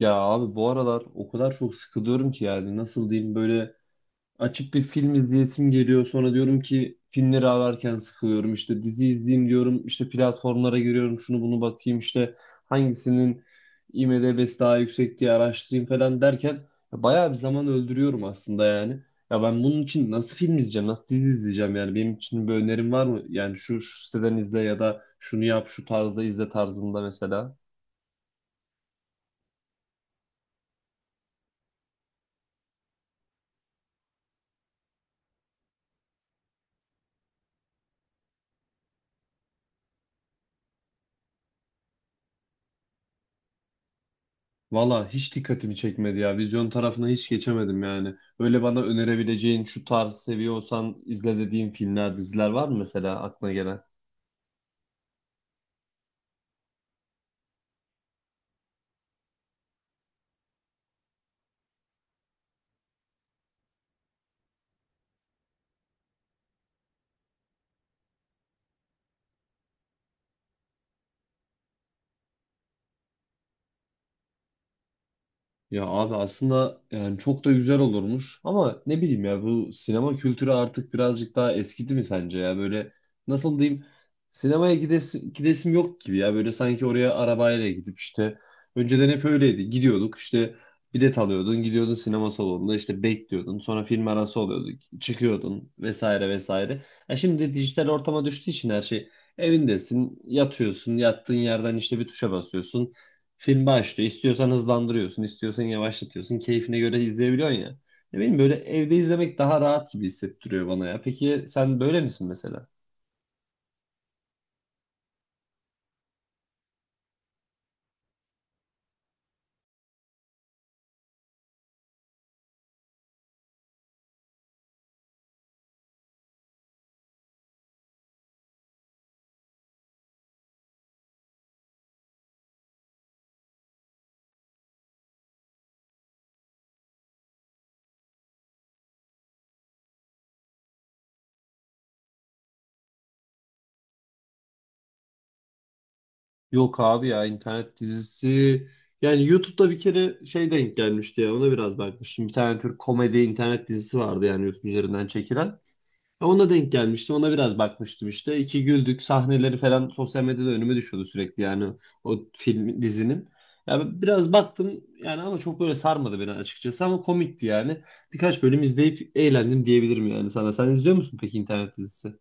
Ya abi bu aralar o kadar çok sıkılıyorum ki yani nasıl diyeyim böyle açıp bir film izleyesim geliyor sonra diyorum ki filmleri ararken sıkılıyorum işte dizi izleyeyim diyorum işte platformlara giriyorum şunu bunu bakayım işte hangisinin IMDb'si daha yüksek diye araştırayım falan derken ya bayağı bir zaman öldürüyorum aslında yani. Ya ben bunun için nasıl film izleyeceğim nasıl dizi izleyeceğim yani benim için bir önerim var mı? Yani şu siteden izle ya da şunu yap şu tarzda izle tarzında mesela. Valla hiç dikkatimi çekmedi ya. Vizyon tarafına hiç geçemedim yani. Öyle bana önerebileceğin şu tarz seviyorsan izle dediğin filmler, diziler var mı mesela aklına gelen? Ya abi aslında yani çok da güzel olurmuş ama ne bileyim ya bu sinema kültürü artık birazcık daha eskidi mi sence ya böyle nasıl diyeyim sinemaya gidesim, gidesim yok gibi ya böyle sanki oraya arabayla gidip işte önceden hep öyleydi gidiyorduk işte bilet alıyordun gidiyordun sinema salonunda işte bekliyordun sonra film arası oluyordu çıkıyordun vesaire vesaire. Ya şimdi dijital ortama düştüğü için her şey evindesin yatıyorsun yattığın yerden işte bir tuşa basıyorsun. Film başlıyor. İstiyorsan hızlandırıyorsun, istiyorsan yavaşlatıyorsun. Keyfine göre izleyebiliyorsun ya. Ne bileyim böyle evde izlemek daha rahat gibi hissettiriyor bana ya. Peki sen böyle misin mesela? Yok abi ya internet dizisi. Yani YouTube'da bir kere şey denk gelmişti ya ona biraz bakmıştım. Bir tane Türk komedi internet dizisi vardı yani YouTube üzerinden çekilen. Ona denk gelmiştim. Ona biraz bakmıştım işte. İki güldük. Sahneleri falan sosyal medyada önüme düşüyordu sürekli yani o film dizinin. Ya biraz baktım yani ama çok böyle sarmadı beni açıkçası ama komikti yani. Birkaç bölüm izleyip eğlendim diyebilirim yani sana. Sen izliyor musun peki internet dizisi?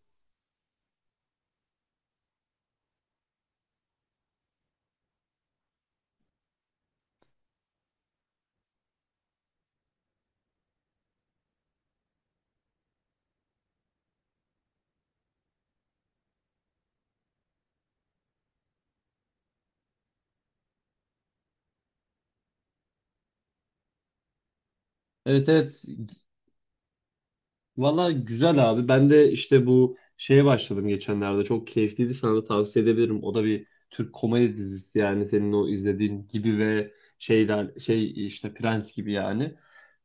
Evet, evet. Valla güzel abi. Ben de işte bu şeye başladım geçenlerde. Çok keyifliydi. Sana da tavsiye edebilirim. O da bir Türk komedi dizisi yani senin o izlediğin gibi ve şeyler şey işte Prens gibi yani.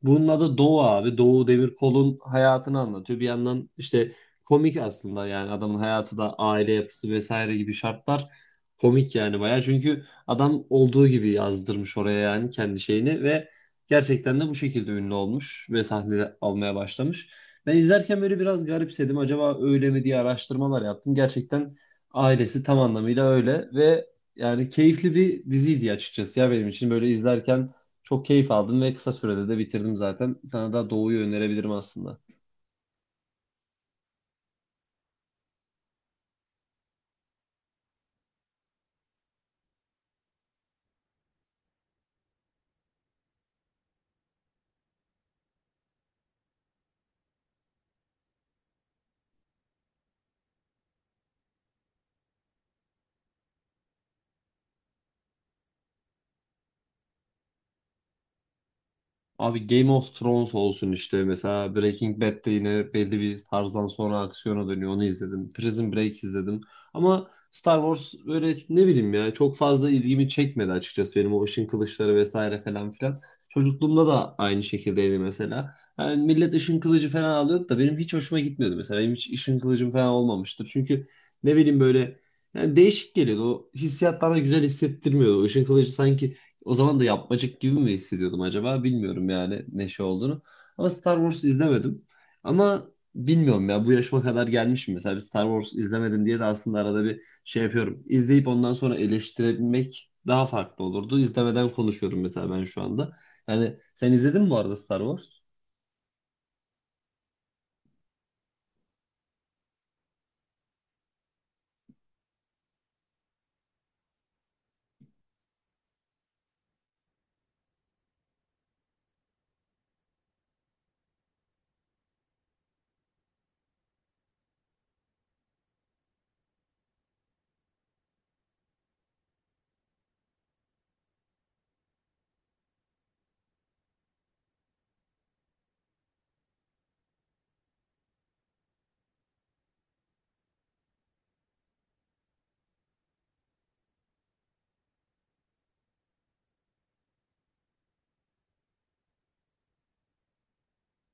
Bunun adı Doğu abi. Doğu Demirkol'un hayatını anlatıyor. Bir yandan işte komik aslında yani adamın hayatı da aile yapısı vesaire gibi şartlar komik yani bayağı. Çünkü adam olduğu gibi yazdırmış oraya yani kendi şeyini ve gerçekten de bu şekilde ünlü olmuş ve sahne almaya başlamış. Ben izlerken böyle biraz garipsedim. Acaba öyle mi diye araştırmalar yaptım. Gerçekten ailesi tam anlamıyla öyle ve yani keyifli bir diziydi açıkçası ya benim için. Böyle izlerken çok keyif aldım ve kısa sürede de bitirdim zaten. Sana da Doğu'yu önerebilirim aslında. Abi Game of Thrones olsun işte. Mesela Breaking Bad'de yine belli bir tarzdan sonra aksiyona dönüyor. Onu izledim. Prison Break izledim. Ama Star Wars böyle ne bileyim ya çok fazla ilgimi çekmedi açıkçası. Benim o ışın kılıçları vesaire falan filan. Çocukluğumda da aynı şekildeydi mesela. Yani millet ışın kılıcı falan alıyordu da benim hiç hoşuma gitmiyordu mesela. Benim hiç ışın kılıcım falan olmamıştır. Çünkü ne bileyim böyle yani değişik geliyordu. O hissiyat bana güzel hissettirmiyordu. O ışın kılıcı sanki o zaman da yapmacık gibi mi hissediyordum acaba? Bilmiyorum yani ne şey olduğunu. Ama Star Wars izlemedim. Ama bilmiyorum ya bu yaşıma kadar gelmişim. Mesela bir Star Wars izlemedim diye de aslında arada bir şey yapıyorum. İzleyip ondan sonra eleştirebilmek daha farklı olurdu. İzlemeden konuşuyorum mesela ben şu anda. Yani sen izledin mi bu arada Star Wars?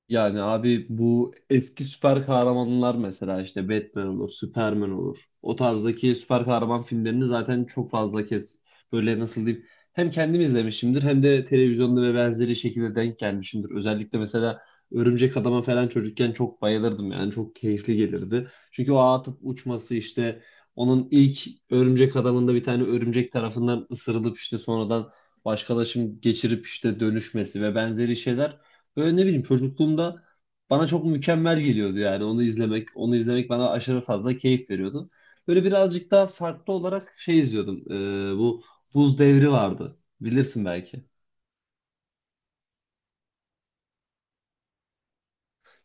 Yani abi bu eski süper kahramanlar mesela işte Batman olur, Superman olur. O tarzdaki süper kahraman filmlerini zaten çok fazla kez böyle nasıl diyeyim hem kendim izlemişimdir hem de televizyonda ve benzeri şekilde denk gelmişimdir. Özellikle mesela Örümcek Adam'a falan çocukken çok bayılırdım yani çok keyifli gelirdi. Çünkü o ağa atıp uçması işte onun ilk Örümcek Adam'ında bir tane örümcek tarafından ısırılıp işte sonradan başkalaşım geçirip işte dönüşmesi ve benzeri şeyler böyle ne bileyim çocukluğumda bana çok mükemmel geliyordu yani onu izlemek. Onu izlemek bana aşırı fazla keyif veriyordu. Böyle birazcık daha farklı olarak şey izliyordum. Bu Buz Devri vardı. Bilirsin belki.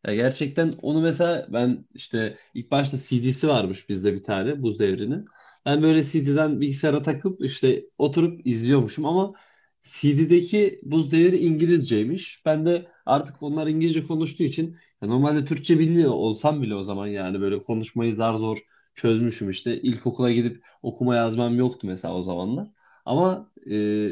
Ya gerçekten onu mesela ben işte ilk başta CD'si varmış bizde bir tane Buz Devri'nin. Ben böyle CD'den bilgisayara takıp işte oturup izliyormuşum ama CD'deki Buz Devri İngilizceymiş. Ben de artık onlar İngilizce konuştuğu için ya normalde Türkçe bilmiyor olsam bile o zaman yani böyle konuşmayı zar zor çözmüşüm işte. İlkokula gidip okuma yazmam yoktu mesela o zamanlar. Ama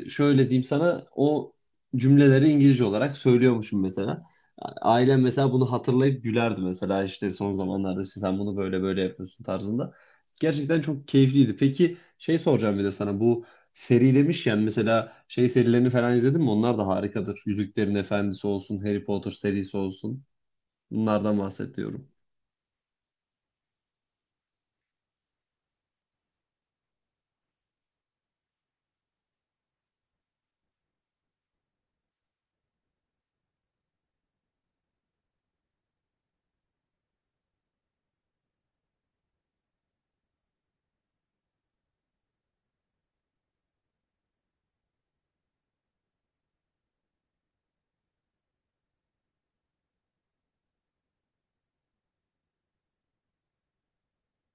şöyle diyeyim sana o cümleleri İngilizce olarak söylüyormuşum mesela. Yani ailem mesela bunu hatırlayıp gülerdi mesela işte son zamanlarda işte sen bunu böyle böyle yapıyorsun tarzında. Gerçekten çok keyifliydi. Peki şey soracağım bir de sana bu seri demişken mesela şey serilerini falan izledin mi? Onlar da harikadır. Yüzüklerin Efendisi olsun, Harry Potter serisi olsun. Bunlardan bahsediyorum.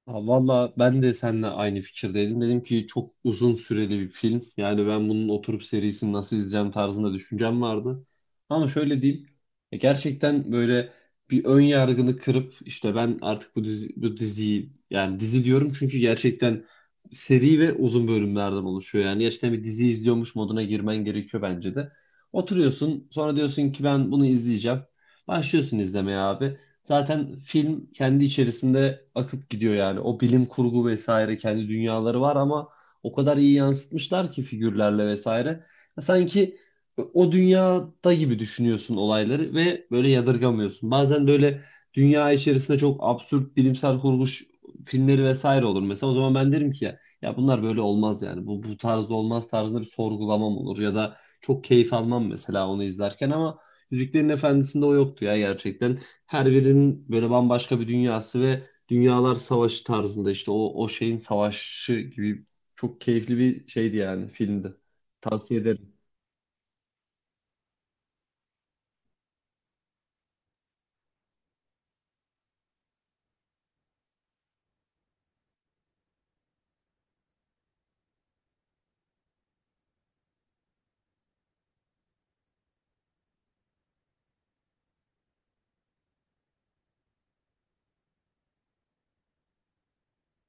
Ha, valla ben de seninle aynı fikirdeydim. Dedim ki çok uzun süreli bir film. Yani ben bunun oturup serisini nasıl izleyeceğim tarzında düşüncem vardı. Ama şöyle diyeyim. Gerçekten böyle bir ön yargını kırıp işte ben artık bu dizi, bu diziyi yani dizi diyorum çünkü gerçekten seri ve uzun bölümlerden oluşuyor. Yani gerçekten bir dizi izliyormuş moduna girmen gerekiyor bence de. Oturuyorsun sonra diyorsun ki ben bunu izleyeceğim. Başlıyorsun izlemeye abi. Zaten film kendi içerisinde akıp gidiyor yani. O bilim kurgu vesaire kendi dünyaları var ama o kadar iyi yansıtmışlar ki figürlerle vesaire. Sanki o dünyada gibi düşünüyorsun olayları ve böyle yadırgamıyorsun. Bazen böyle dünya içerisinde çok absürt bilimsel kurgu filmleri vesaire olur. Mesela o zaman ben derim ki ya, ya bunlar böyle olmaz yani. Bu tarzda olmaz tarzında bir sorgulamam olur ya da çok keyif almam mesela onu izlerken ama Yüzüklerin Efendisi'nde o yoktu ya gerçekten. Her birinin böyle bambaşka bir dünyası ve dünyalar savaşı tarzında işte o şeyin savaşı gibi çok keyifli bir şeydi yani filmde. Tavsiye ederim.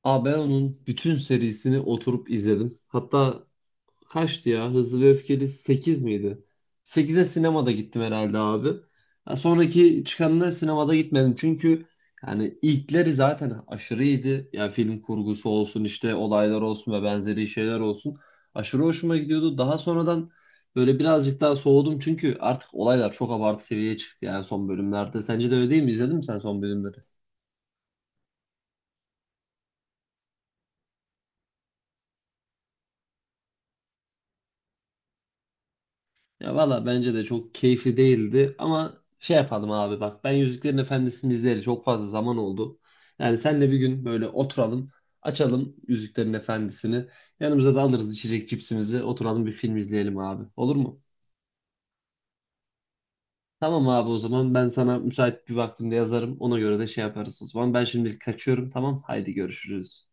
Aa ben onun bütün serisini oturup izledim. Hatta kaçtı ya? Hızlı ve Öfkeli 8 miydi? 8'e sinemada gittim herhalde abi. Ya sonraki çıkanına sinemada gitmedim. Çünkü yani ilkleri zaten aşırı iyiydi. Yani film kurgusu olsun işte olaylar olsun ve benzeri şeyler olsun. Aşırı hoşuma gidiyordu. Daha sonradan böyle birazcık daha soğudum. Çünkü artık olaylar çok abartı seviyeye çıktı yani son bölümlerde. Sence de öyle değil mi? İzledin mi sen son bölümleri? Ya valla bence de çok keyifli değildi ama şey yapalım abi bak ben Yüzüklerin Efendisi'ni izleyeli çok fazla zaman oldu. Yani senle bir gün böyle oturalım açalım Yüzüklerin Efendisi'ni yanımıza da alırız içecek cipsimizi oturalım bir film izleyelim abi olur mu? Tamam abi o zaman ben sana müsait bir vaktimde yazarım ona göre de şey yaparız o zaman ben şimdilik kaçıyorum tamam haydi görüşürüz.